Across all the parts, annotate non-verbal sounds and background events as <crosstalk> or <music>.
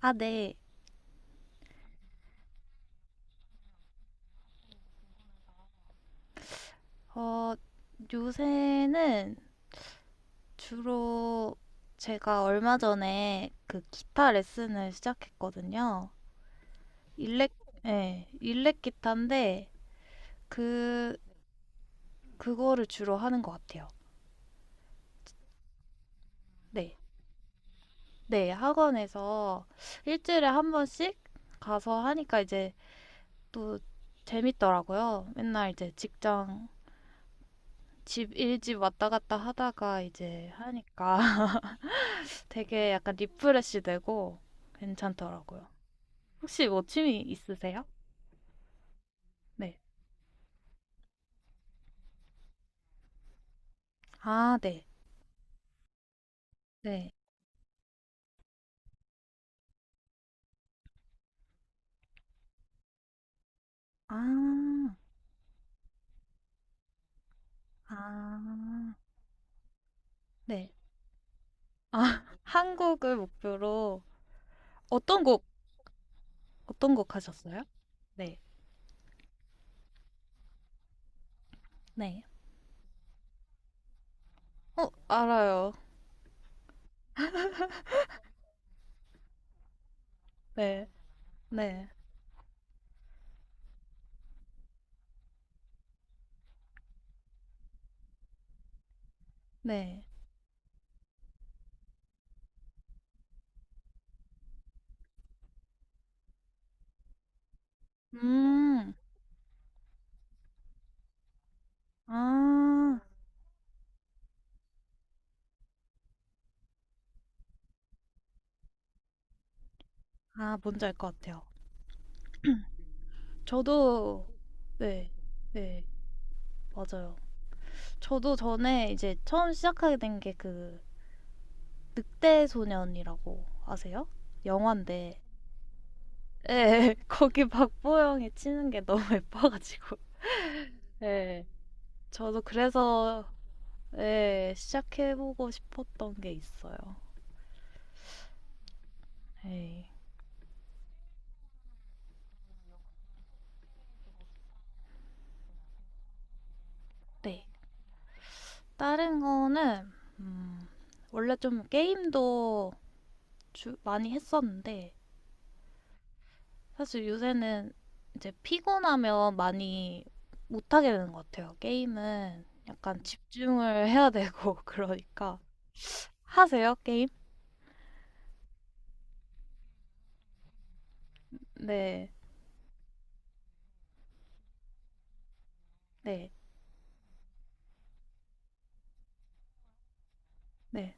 아, 네. 어, 요새는 주로 제가 얼마 전에 그 기타 레슨을 시작했거든요. 일렉, 네, 일렉 기타인데 그, 그거를 주로 하는 것 같아요. 네. 네, 학원에서 일주일에 한 번씩 가서 하니까 이제 또 재밌더라고요. 맨날 이제 직장, 집, 일집 왔다 갔다 하다가 이제 하니까. 되게 약간 리프레시 되고 괜찮더라고요. 혹시 뭐 취미 있으세요? 네. 아, 네. 네. 아, 아, 네. 아, <laughs> 한국을 목표로 어떤 곡, 어떤 곡 하셨어요? 네. 네. 어, 알아요. 네. 네. 네. 음, 아, 아, 뭔지 알 것 같아요. 저도, 네. 네. 맞아요. 저도 전에 이제 처음 시작하게 된게그 늑대 소년이라고 아세요? 영화인데 예, <laughs> 거기 박보영이 치는 게 너무 <laughs> 예뻐가지고 예, 저도 그래서 예, 시작해보고 싶었던 게 있어요. 예. 네, 다른 거는 음, 원래 좀 게임도 많이 했었는데 사실 요새는 이제 피곤하면 많이 못하게 되는 것 같아요. 게임은 약간 집중을 해야 되고 <laughs> 그러니까 하세요, 게임? 네. 네. 네.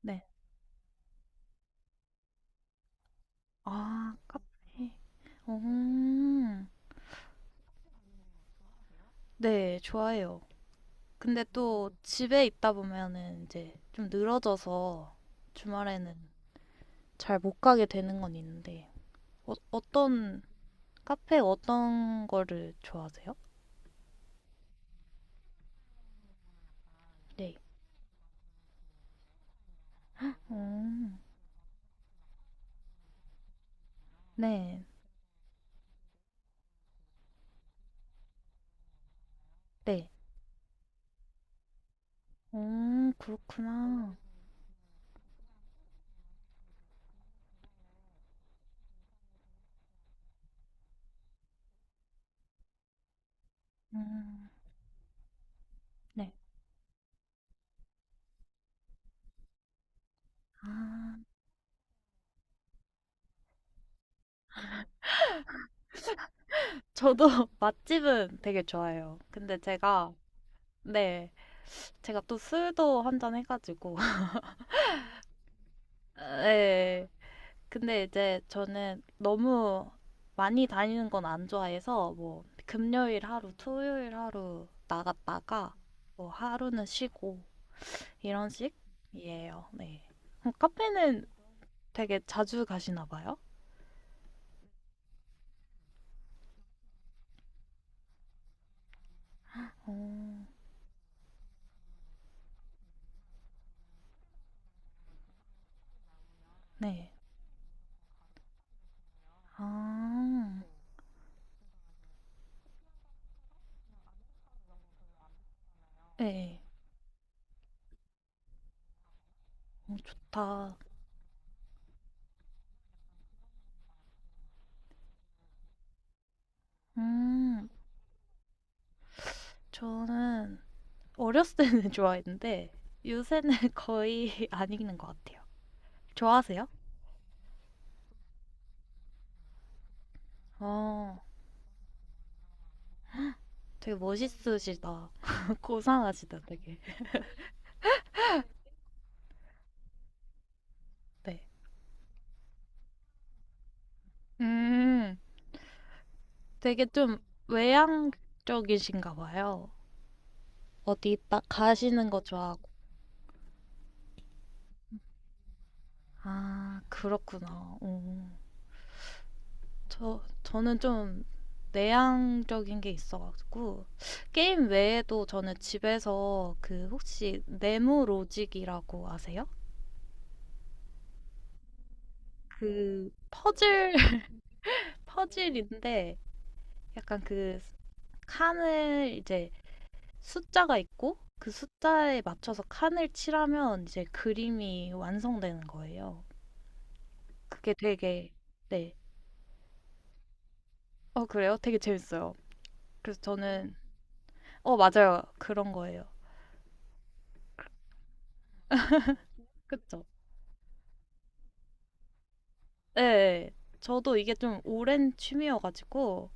네. 아, 카페. 음. 네, 좋아요. 근데 또 집에 있다 보면은 이제 좀 늘어져서 주말에는 잘 못 가게 되는 건 있는데, 어, 어떤, 카페 어떤 거를 좋아하세요? 네. 음. 네. 네. 그렇구나. 음. 네. 아, 저도 <laughs> 맛집은 되게 좋아해요. 근데 제가, 네. 제가 또 술도 한 잔 해가지고. <laughs> 네. 근데 이제 저는 너무 많이 다니는 건 안 좋아해서 뭐 금요일 하루, 토요일 하루 나갔다가 뭐 하루는 쉬고 이런 식이에요. 네. 그럼 카페는 되게 자주 가시나 봐요? 어, 네. 아, 네. 어, 좋다. 음, 저는 어렸을 때는 <laughs> 좋아했는데 요새는 <laughs> 거의 안 읽는 것 같아요. 좋아하세요? 어, 되게 멋있으시다. <laughs> 고상하시다, 되게. 네. 음, 되게 좀 외향적이신가 봐요. 어디 딱 가시는 거 좋아하고. 아, 그렇구나. 오. 저는 좀 내향적인 게 있어가지고. 게임 외에도 저는 집에서 혹시 네모 로직이라고 아세요? 그 퍼즐, <laughs> 퍼즐인데 약간 그 칸을 이제 숫자가 있고 그 숫자에 맞춰서 칸을 칠하면 이제 그림이 완성되는 거예요. 그게 되게. 네. 어, 그래요? 되게 재밌어요. 그래서 저는, 어, 맞아요. 그런 거예요. 그쵸? 예. 예. 저도 이게 좀 오랜 취미여가지고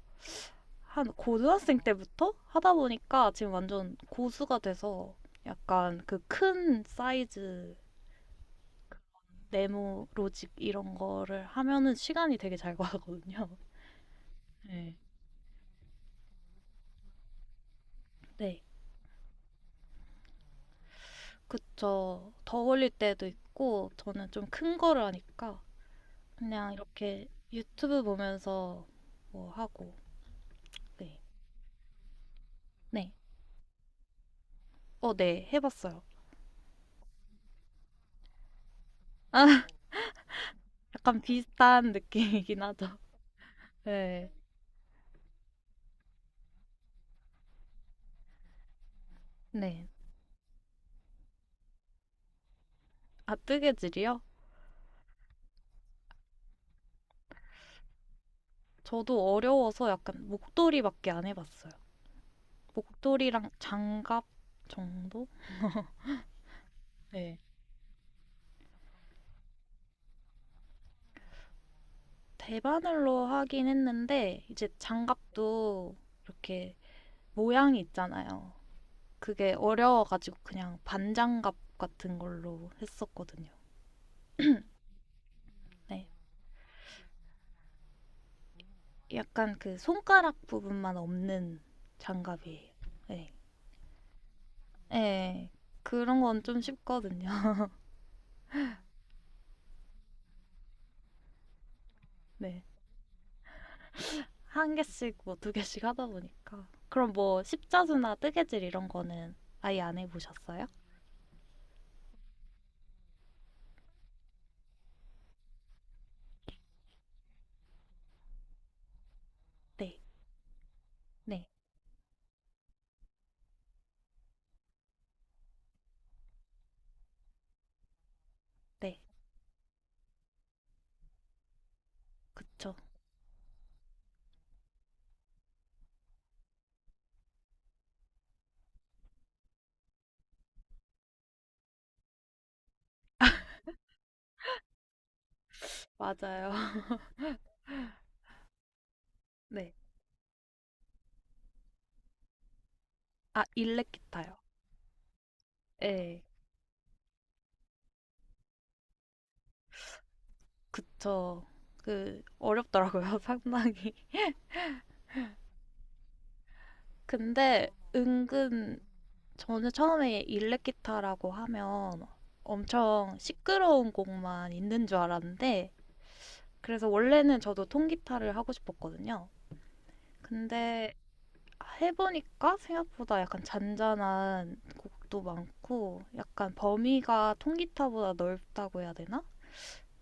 한 고등학생 때부터 하다 보니까 지금 완전 고수가 돼서 약간 그 큰 사이즈 네모 로직 이런 거를 하면은 시간이 되게 잘 가거든요. 네. 네. 그쵸. 더 걸릴 때도 있고 저는 좀 큰 거를 하니까 그냥 이렇게 유튜브 보면서 뭐 하고. 네. 네. 어, 네. 해봤어요. 약간 비슷한 <laughs> 느낌이긴 하죠. 네. 네. 아, 뜨개질이요? 저도 어려워서 약간 목도리밖에 안 해봤어요. 목도리랑 장갑 정도? 네. 대바늘로 하긴 했는데 이제 장갑도 이렇게 모양이 있잖아요. 그게 어려워가지고 그냥 반장갑 같은 걸로 했었거든요. 네. 약간 그 손가락 부분만 없는 장갑이에요. 네. 네. 그런 건 좀 쉽거든요. <laughs> 네. 한 개씩 뭐 두 개씩 하다 보니까. 그럼 뭐 십자수나 뜨개질 이런 거는 아예 안 해보셨어요? 네. 네. 네. 그쵸. 맞아요. <laughs> 네. 아, 일렉 기타요. 네. 그쵸. 어렵더라고요, <laughs> 상당히. 근데 은근 저는 처음에 일렉 기타라고 하면 엄청 시끄러운 곡만 있는 줄 알았는데 그래서 원래는 저도 통기타를 하고 싶었거든요. 근데 해보니까 생각보다 약간 잔잔한 곡도 많고 약간 범위가 통기타보다 넓다고 해야 되나?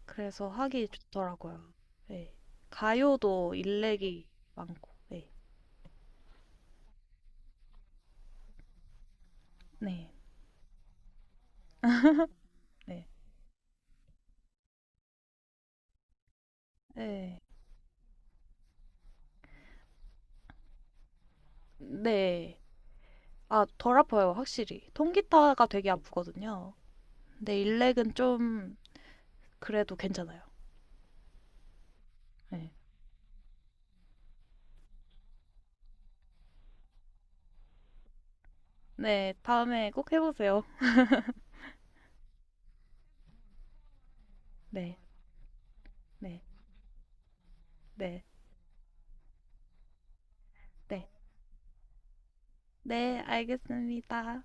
그래서 하기 좋더라고요. 네. 가요도 일렉이 많고. 네. 네. 네. 네. 네. 아, 덜 아파요, 확실히. 통기타가 되게 아프거든요. 근데 일렉은 좀 그래도 괜찮아요. 네. 네, 다음에 꼭 해보세요. 네, 네, 네, 네. 네, 알겠습니다.